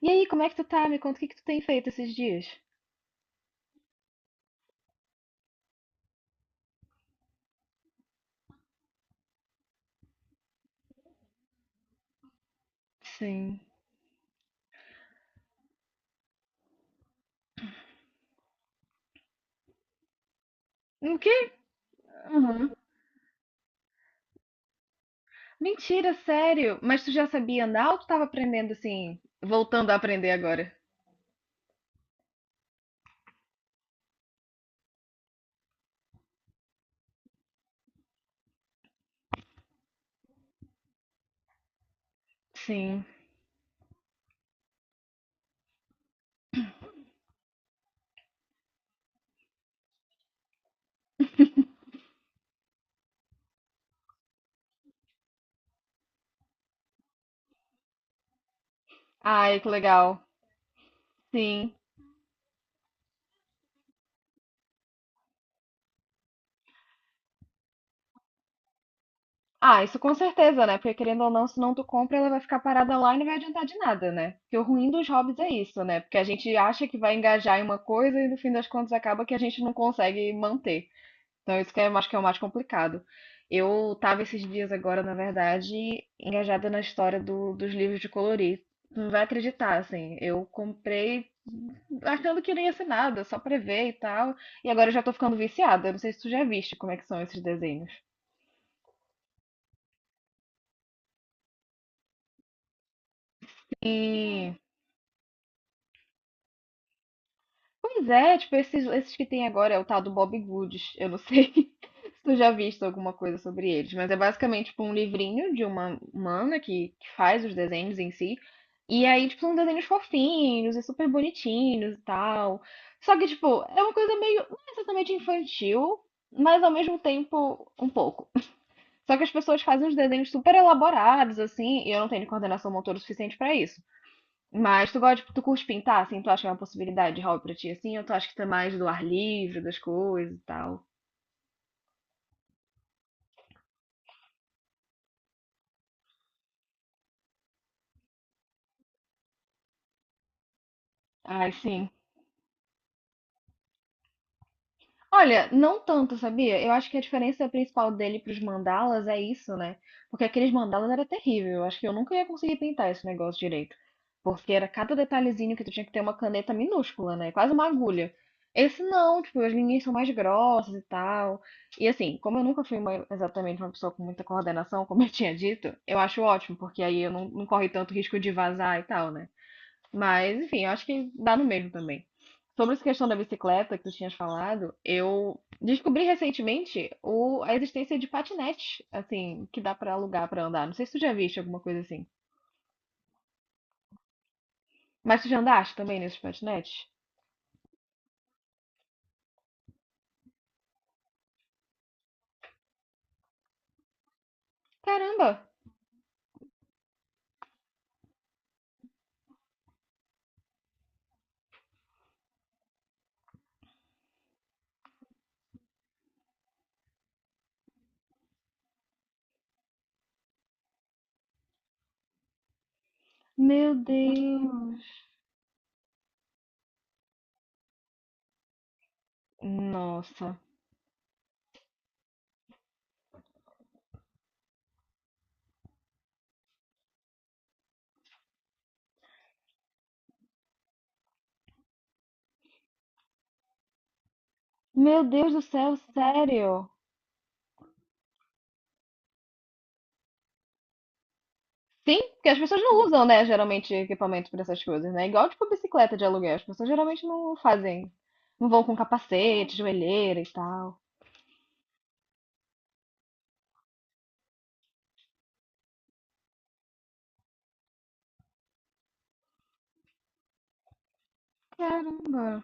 E aí, como é que tu tá? Me conta o que que tu tem feito esses dias. Sim. O quê? Uhum. Mentira, sério? Mas tu já sabia andar ou tu tava aprendendo assim, voltando a aprender agora? Sim. Ai, que legal. Sim. Ah, isso com certeza, né? Porque querendo ou não, se não tu compra, ela vai ficar parada lá e não vai adiantar de nada, né? Porque o ruim dos hobbies é isso, né? Porque a gente acha que vai engajar em uma coisa e no fim das contas acaba que a gente não consegue manter. Então, isso que eu acho que é o mais complicado. Eu estava esses dias agora, na verdade, engajada na história dos livros de colorir. Tu não vai acreditar, assim. Eu comprei achando que não ia ser nada, só pra ver e tal. E agora eu já tô ficando viciada. Eu não sei se tu já viste como é que são esses desenhos. E Pois é, tipo, esses que tem agora é o tal do Bob Goods. Eu não sei se tu já viste alguma coisa sobre eles, mas é basicamente tipo, um livrinho de uma mana que faz os desenhos em si. E aí, tipo, são desenhos fofinhos e super bonitinhos e tal. Só que, tipo, é uma coisa meio, não é exatamente infantil, mas ao mesmo tempo um pouco. Só que as pessoas fazem uns desenhos super elaborados, assim, e eu não tenho coordenação motora suficiente pra isso. Mas tu gosta, tu curte pintar, assim? Tu acha que é uma possibilidade de hobby pra ti, assim? Ou tu acha que tá mais do ar livre, das coisas e tal? Ai, sim. Olha, não tanto, sabia? Eu acho que a diferença principal dele para os mandalas é isso, né? Porque aqueles mandalas era terrível. Eu acho que eu nunca ia conseguir pintar esse negócio direito. Porque era cada detalhezinho que tu tinha que ter uma caneta minúscula, né? Quase uma agulha. Esse não, tipo, as linhas são mais grossas e tal. E assim, como eu nunca fui exatamente uma pessoa com muita coordenação, como eu tinha dito, eu acho ótimo, porque aí eu não corre tanto risco de vazar e tal, né? Mas, enfim, eu acho que dá no mesmo também. Sobre essa questão da bicicleta que tu tinhas falado, eu descobri recentemente a existência de patinete, assim, que dá pra alugar pra andar. Não sei se tu já viste alguma coisa assim. Mas tu já andaste também nesses patinetes? Caramba! Meu Deus! Nossa! Meu Deus do céu, sério? Sim, porque as pessoas não usam, né, geralmente equipamento pra essas coisas, né? Igual tipo bicicleta de aluguel, as pessoas geralmente não fazem, não vão com capacete, joelheira e tal. Caramba.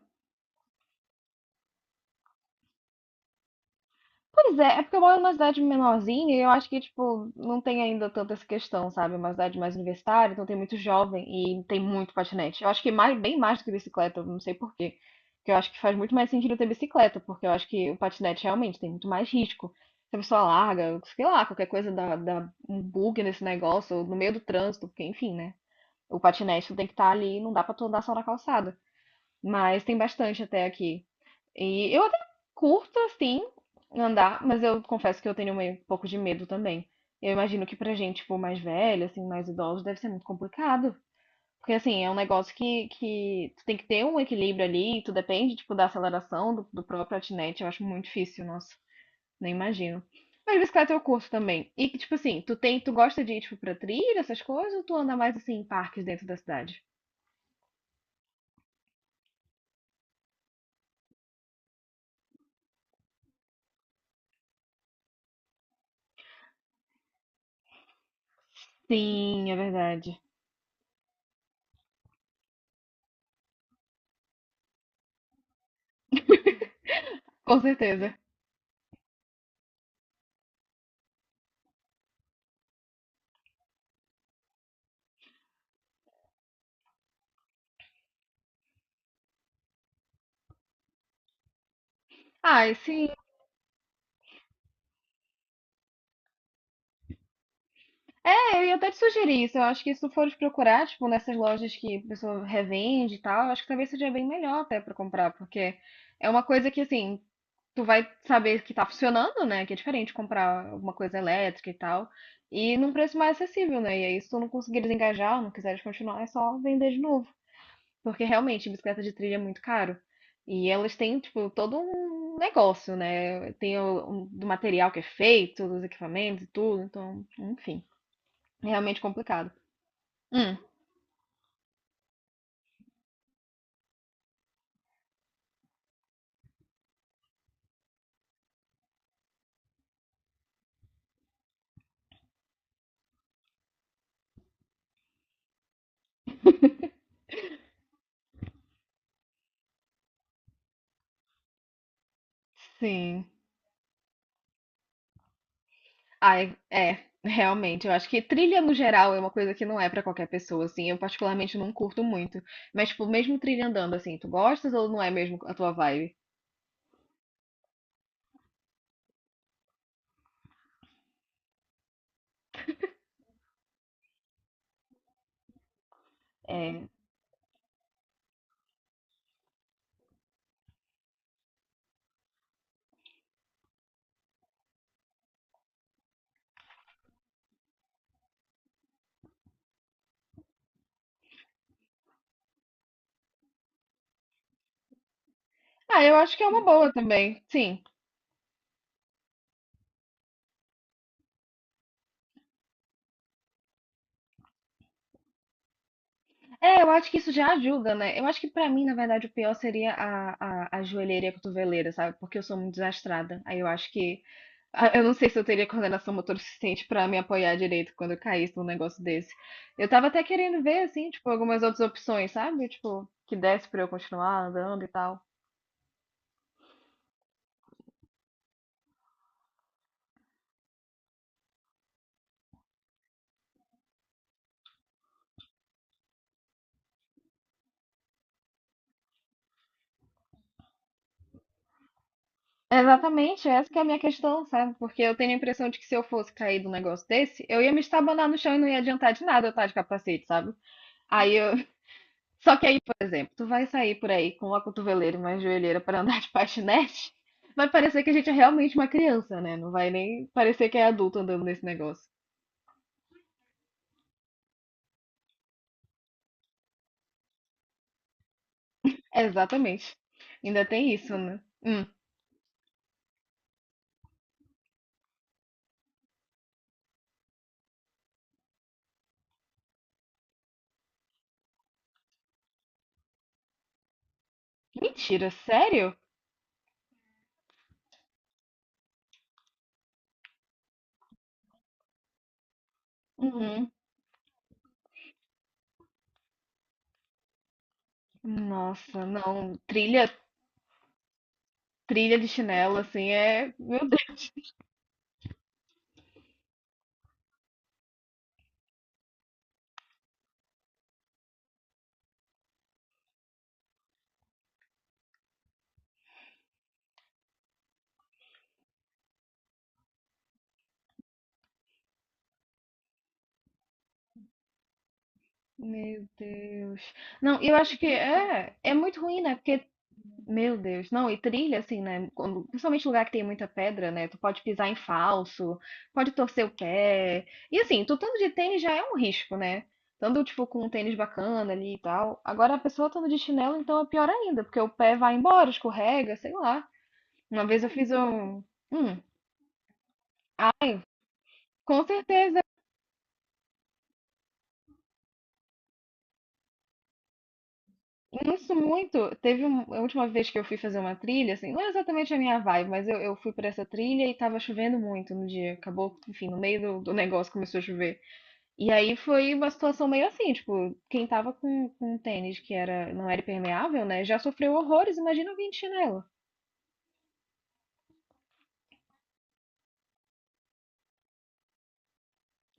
Pois é, é porque eu moro numa cidade menorzinha e eu acho que, tipo, não tem ainda tanta essa questão, sabe? É uma cidade mais universitária, então tem muito jovem e tem muito patinete. Eu acho que mais, bem mais do que bicicleta, eu não sei por quê. Porque eu acho que faz muito mais sentido ter bicicleta, porque eu acho que o patinete realmente tem muito mais risco. Se a pessoa larga, sei lá, qualquer coisa dá um bug nesse negócio, ou no meio do trânsito, porque enfim, né? O patinete tu tem que estar ali, não dá pra tu andar só na calçada. Mas tem bastante até aqui. E eu até curto, assim, andar, mas eu confesso que eu tenho meio, um pouco de medo também. Eu imagino que pra gente, tipo, mais velha, assim, mais idosos, deve ser muito complicado. Porque, assim, é um negócio que tu tem que ter um equilíbrio ali, tu depende, tipo, da aceleração do próprio patinete. Eu acho muito difícil, nossa, nem imagino. Mas bicicleta eu curto também. E, que, tipo assim, tu gosta de ir, tipo, pra trilha, essas coisas, ou tu anda mais, assim, em parques dentro da cidade? Sim, é verdade. Com certeza. Ah, é, eu ia até te sugerir isso. Eu acho que se tu fores procurar, tipo, nessas lojas que a pessoa revende e tal, eu acho que talvez seja bem melhor até pra comprar, porque é uma coisa que, assim, tu vai saber que tá funcionando, né? Que é diferente comprar alguma coisa elétrica e tal, e num preço mais acessível, né? E aí, se tu não conseguir desengajar não quiseres continuar, é só vender de novo. Porque realmente, bicicleta de trilha é muito caro. E elas têm, tipo, todo um negócio, né? Tem do material que é feito, dos equipamentos e tudo, então, enfim, é realmente complicado. Hum, sim. Ai, é, realmente, eu acho que trilha no geral é uma coisa que não é pra qualquer pessoa, assim. Eu particularmente não curto muito. Mas, tipo, mesmo trilha andando, assim, tu gostas ou não é mesmo a tua vibe? É. Ah, eu acho que é uma boa também, sim. É, eu acho que isso já ajuda, né? Eu acho que pra mim, na verdade, o pior seria a joelheira e a cotoveleira, sabe? Porque eu sou muito desastrada. Aí eu acho que, eu não sei se eu teria coordenação motora suficiente pra me apoiar direito quando eu caísse num negócio desse. Eu tava até querendo ver, assim, tipo, algumas outras opções, sabe? Tipo, que desse pra eu continuar andando e tal. É, exatamente, essa que é a minha questão, sabe? Porque eu tenho a impressão de que se eu fosse cair num negócio desse, eu ia me estabanar no chão e não ia adiantar de nada eu estar de capacete, sabe? Aí eu. Só que aí, por exemplo, tu vai sair por aí com uma cotoveleira e uma joelheira pra andar de patinete, vai parecer que a gente é realmente uma criança, né? Não vai nem parecer que é adulto andando nesse negócio. Exatamente. Ainda tem isso, né? Mentira, sério? Uhum. Nossa, não. Trilha, trilha de chinelo, assim, é. Meu Deus. Não, eu acho que é muito ruim, né? Porque, meu Deus, não, e trilha, assim, né? Quando, principalmente lugar que tem muita pedra, né? Tu pode pisar em falso, pode torcer o pé. E assim, tu estando de tênis já é um risco, né? Tanto tipo, com um tênis bacana ali e tal. Agora a pessoa estando de chinelo, então é pior ainda, porque o pé vai embora, escorrega, sei lá. Uma vez eu fiz um. Hum, ai, com certeza. Isso muito. Teve a última vez que eu fui fazer uma trilha, assim, não é exatamente a minha vibe, mas eu fui pra essa trilha e tava chovendo muito no dia. Acabou, enfim, no meio do negócio começou a chover. E aí foi uma situação meio assim, tipo, quem tava com um tênis que era, não era impermeável, né, já sofreu horrores, imagina alguém de chinelo.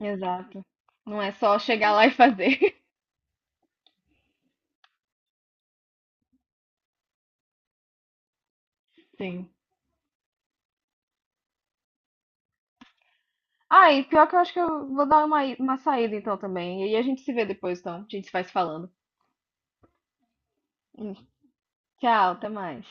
Exato. Não é só chegar lá e fazer. Sim. Ah, e pior que eu acho que eu vou dar uma saída então também. E aí a gente se vê depois, então. A gente se vai se falando. Hum. Tchau, até mais.